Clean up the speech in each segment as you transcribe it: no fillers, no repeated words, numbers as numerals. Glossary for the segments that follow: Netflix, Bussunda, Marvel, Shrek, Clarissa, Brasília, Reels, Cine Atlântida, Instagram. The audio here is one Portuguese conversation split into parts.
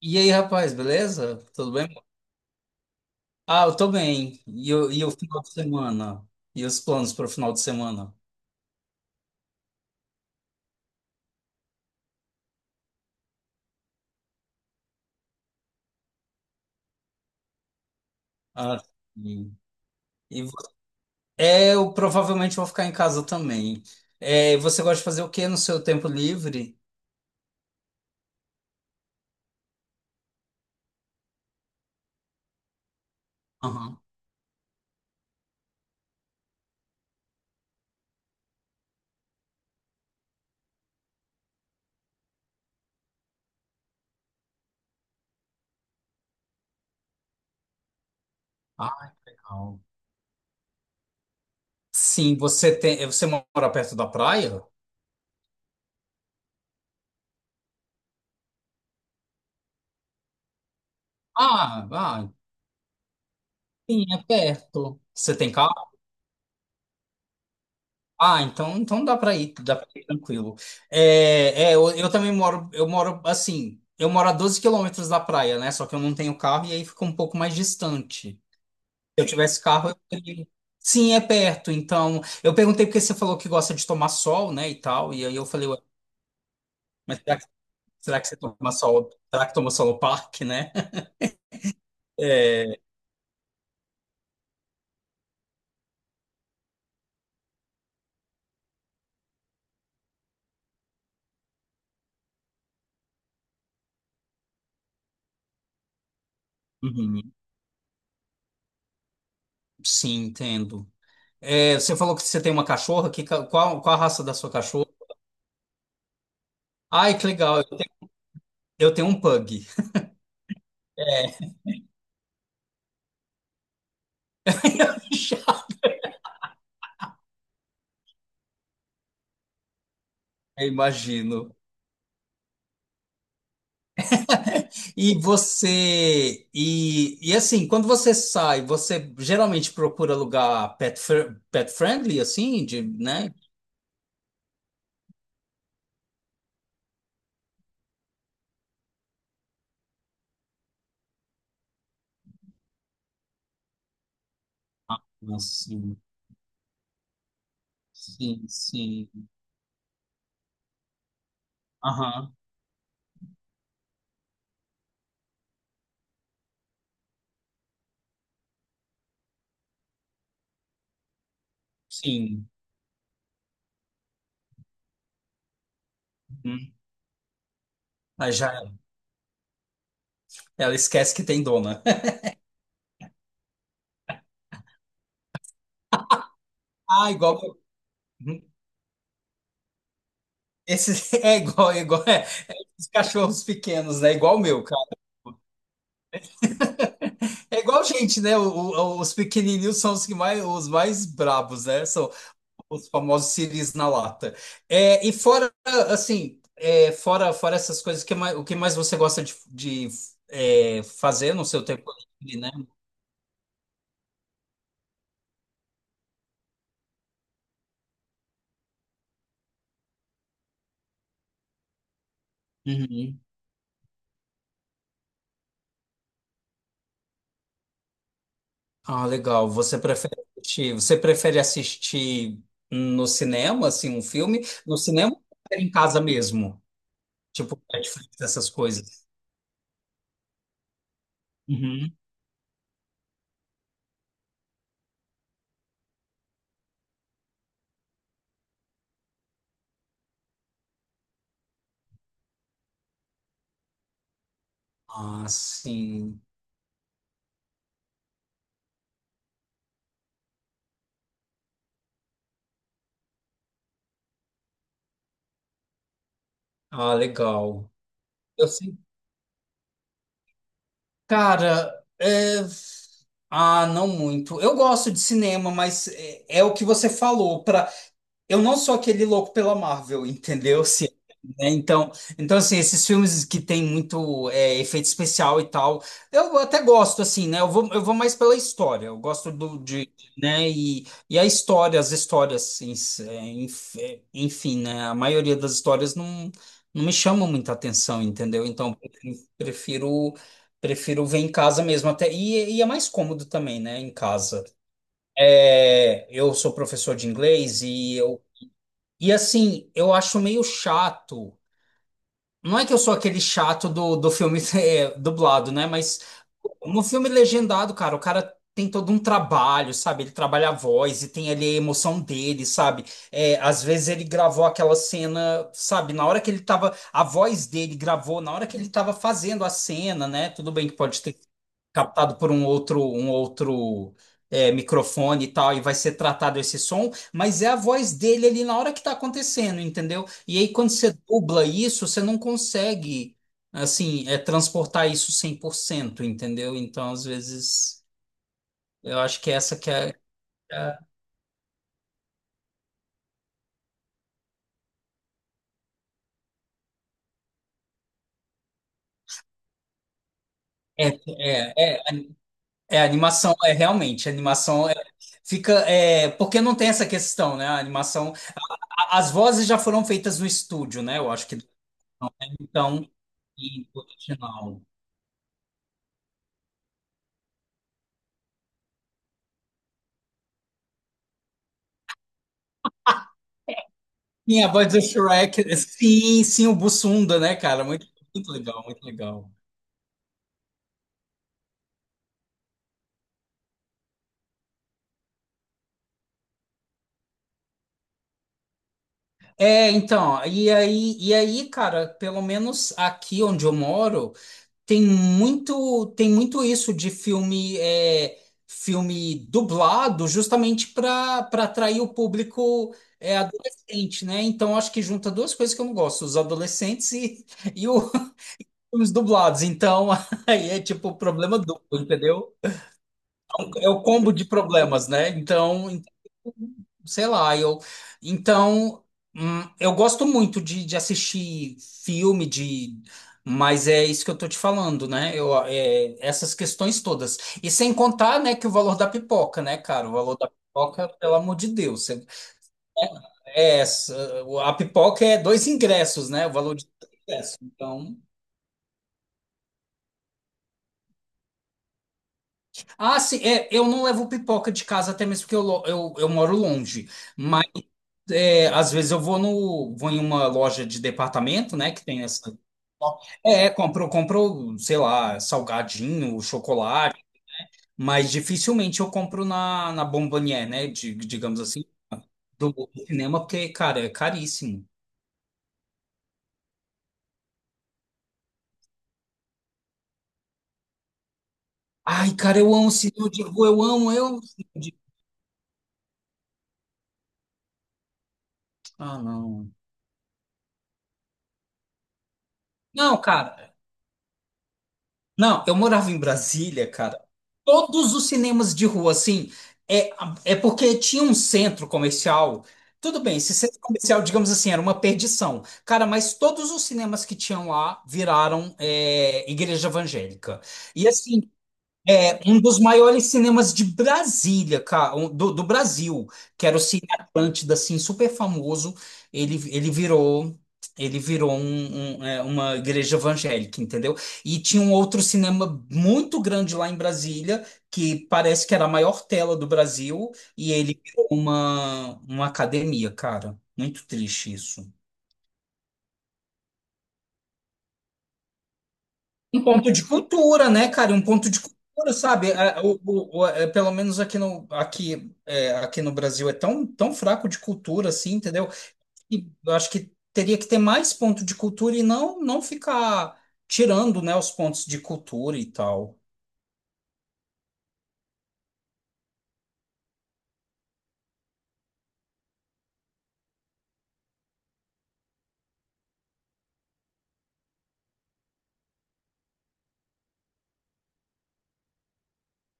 E aí, rapaz, beleza? Tudo bem? Ah, eu tô bem. E, e o final de semana? E os planos para o final de semana? Ah, sim. E, vo- eu provavelmente vou ficar em casa também. É, você gosta de fazer o quê no seu tempo livre? Aham. Ah, não. Sim, você mora perto da praia? Ah, ah, sim, é perto. Você tem carro? Ah, então, dá para ir tranquilo. Eu também moro, eu moro a 12 quilômetros da praia, né? Só que eu não tenho carro e aí fica um pouco mais distante. Se eu tivesse carro, eu teria. Sim, é perto. Então, eu perguntei porque você falou que gosta de tomar sol, né, e tal, e aí eu falei, ué, mas será que você toma sol? Será que toma sol no parque, né? É, uhum, sim, entendo. É, você falou que você tem uma cachorra, qual a raça da sua cachorra? Ai, que legal, eu tenho um pug. É, já imagino. E você. E assim, quando você sai, você geralmente procura lugar pet friendly, assim, de, né? Assim, sim. Aham, sim. Uhum. Aí já ela esquece que tem dona. Ah, igual. Uhum. Esse é igual, é. Os cachorros pequenos, né? Igual o meu, cara. É igual gente, né? Os pequenininhos são os que mais, os mais brabos, né? São, os famosos siris na lata. É, e fora, assim, é, fora, fora essas coisas, o que mais você gosta de, fazer no seu tempo livre, né? Uhum. Ah, legal. Você prefere assistir no cinema, assim, um filme? No cinema ou prefere em casa mesmo? Tipo, Netflix, essas coisas. Uhum. Ah, sim. Ah, legal. Eu sei. Cara, é, ah, não muito. Eu gosto de cinema, mas é o que você falou. Para eu não sou aquele louco pela Marvel, entendeu? Assim, né? Então, assim, esses filmes que tem muito efeito especial e tal, eu até gosto, assim, né? Eu vou mais pela história, eu gosto do, de, né? E, as histórias, em si, enfim, né? A maioria das histórias não me chamam muita atenção, entendeu? Então, prefiro, prefiro ver em casa mesmo, até, e é mais cômodo também, né? Em casa. É, eu sou professor de inglês e assim, eu acho meio chato. Não é que eu sou aquele chato do filme eh, dublado, né? Mas no filme legendado, cara, o cara tem todo um trabalho, sabe? Ele trabalha a voz e tem ali a emoção dele, sabe? É, às vezes ele gravou aquela cena, sabe? Na hora que ele tava. A voz dele gravou, na hora que ele tava fazendo a cena, né? Tudo bem que pode ter captado por um outro microfone e tal, e vai ser tratado esse som, mas é a voz dele ali na hora que tá acontecendo, entendeu? E aí quando você dubla isso, você não consegue, assim, transportar isso 100% entendeu? Então, às vezes, eu acho que essa que é... É, é, é, é a animação, é realmente, a animação é, fica, é, porque não tem essa questão, né? A animação, as vozes já foram feitas no estúdio, né? Eu acho que então, e original. Sim, a voz do Shrek. Sim, sim, o Bussunda, né, cara? Muito, muito legal, muito legal. É, então, e aí, cara, pelo menos aqui onde eu moro, tem muito isso de filme, filme dublado, justamente para atrair o público adolescente, né? Então, acho que junta duas coisas que eu não gosto, os adolescentes e, e os filmes dublados. Então, aí é tipo problema duplo, entendeu? É o combo de problemas, né? Então, sei lá, eu. Então, eu gosto muito de assistir filme, de. Mas é isso que eu tô te falando, né? Eu, essas questões todas. E sem contar, né, que o valor da pipoca, né, cara? O valor da pipoca, pelo amor de Deus. Você- É, essa- a pipoca é dois ingressos, né? O valor de dois ingressos. Então. Ah, sim, é, eu não levo pipoca de casa, até mesmo porque eu moro longe. Mas é, às vezes eu vou no, vou em uma loja de departamento, né? Que tem essa. Compro, sei lá, salgadinho, chocolate, mas dificilmente eu compro na, na Bombonier, né? de- digamos assim, do cinema, porque, cara, é caríssimo. Ai, cara, eu amo cinema de rua, eu amo cinema de... Ah, não. Não, cara. Não, eu morava em Brasília, cara. Todos os cinemas de rua, assim, é, é porque tinha um centro comercial. Tudo bem, esse centro comercial, digamos assim, era uma perdição. Cara, mas todos os cinemas que tinham lá viraram igreja evangélica. E assim, é um dos maiores cinemas de Brasília, cara, do, do Brasil, que era o Cine Atlântida, assim, super famoso. Ele, ele virou uma igreja evangélica, entendeu? E tinha um outro cinema muito grande lá em Brasília, que parece que era a maior tela do Brasil, e ele virou uma academia, cara. Muito triste isso. Um ponto de cultura, né, cara? Um ponto de cultura, sabe? Pelo menos aqui no, aqui, aqui no Brasil é tão, tão fraco de cultura, assim, entendeu? E eu acho que teria que ter mais ponto de cultura e não, não ficar tirando, né, os pontos de cultura e tal.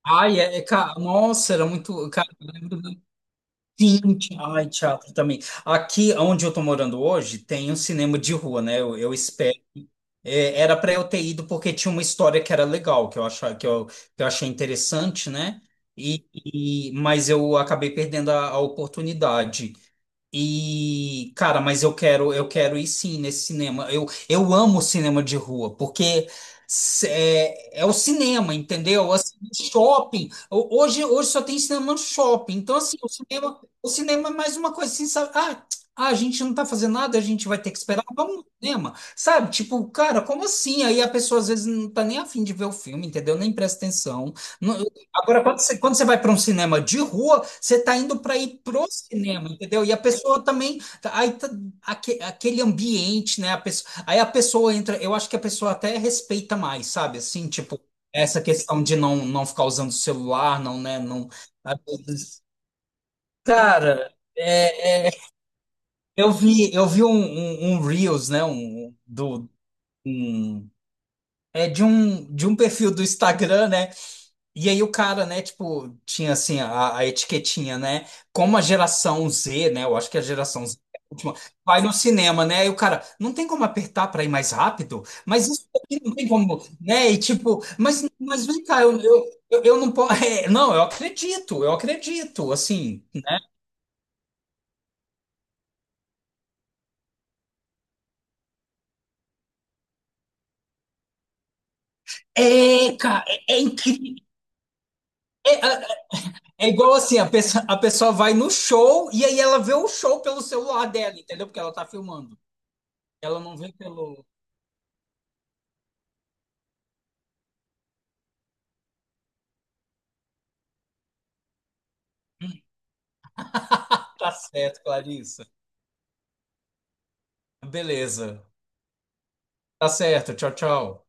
Ai, é, é, cara, nossa, era muito. Cara, eu lembro do. Sim, ai, teatro também. Aqui onde eu tô morando hoje tem um cinema de rua, né? Eu É, era para eu ter ido porque tinha uma história que era legal, que eu achei interessante, né? Mas eu acabei perdendo a oportunidade. E, cara, mas eu quero ir sim nesse cinema. Eu amo cinema de rua, porque é o cinema, entendeu? Assim, shopping. Hoje, hoje só tem cinema no shopping. Então, assim, o cinema é mais uma coisa assim, sabe? Ah, ah, a gente não tá fazendo nada, a gente vai ter que esperar. Vamos no cinema. Sabe, tipo, cara, como assim? Aí a pessoa às vezes não tá nem afim de ver o filme, entendeu? Nem presta atenção. Não- agora, quando você vai para um cinema de rua, você tá indo para ir pro cinema, entendeu? E a pessoa também, aí tá- aquele ambiente, né? Aí a pessoa entra, eu acho que a pessoa até respeita mais, sabe? Assim, tipo, essa questão de não, não ficar usando o celular, não, né? Não, às vezes- cara, é, é, eu vi um Reels, né? Um, do. Um é de um perfil do Instagram, né? E aí o cara, né, tipo, tinha assim a etiquetinha, né? Como a geração Z, né? Eu acho que a geração Z é a última, vai no cinema, né? E o cara, não tem como apertar para ir mais rápido, mas isso aqui não tem como, né? E tipo, mas vem cá, eu não posso. É, não, eu acredito, assim, né? É, cara, é, é incrível. É, é igual assim, a pessoa vai no show e aí ela vê o show pelo celular dela, entendeu? Porque ela tá filmando. Ela não vê pelo. Tá certo, Clarissa. Beleza. Tá certo. Tchau, tchau.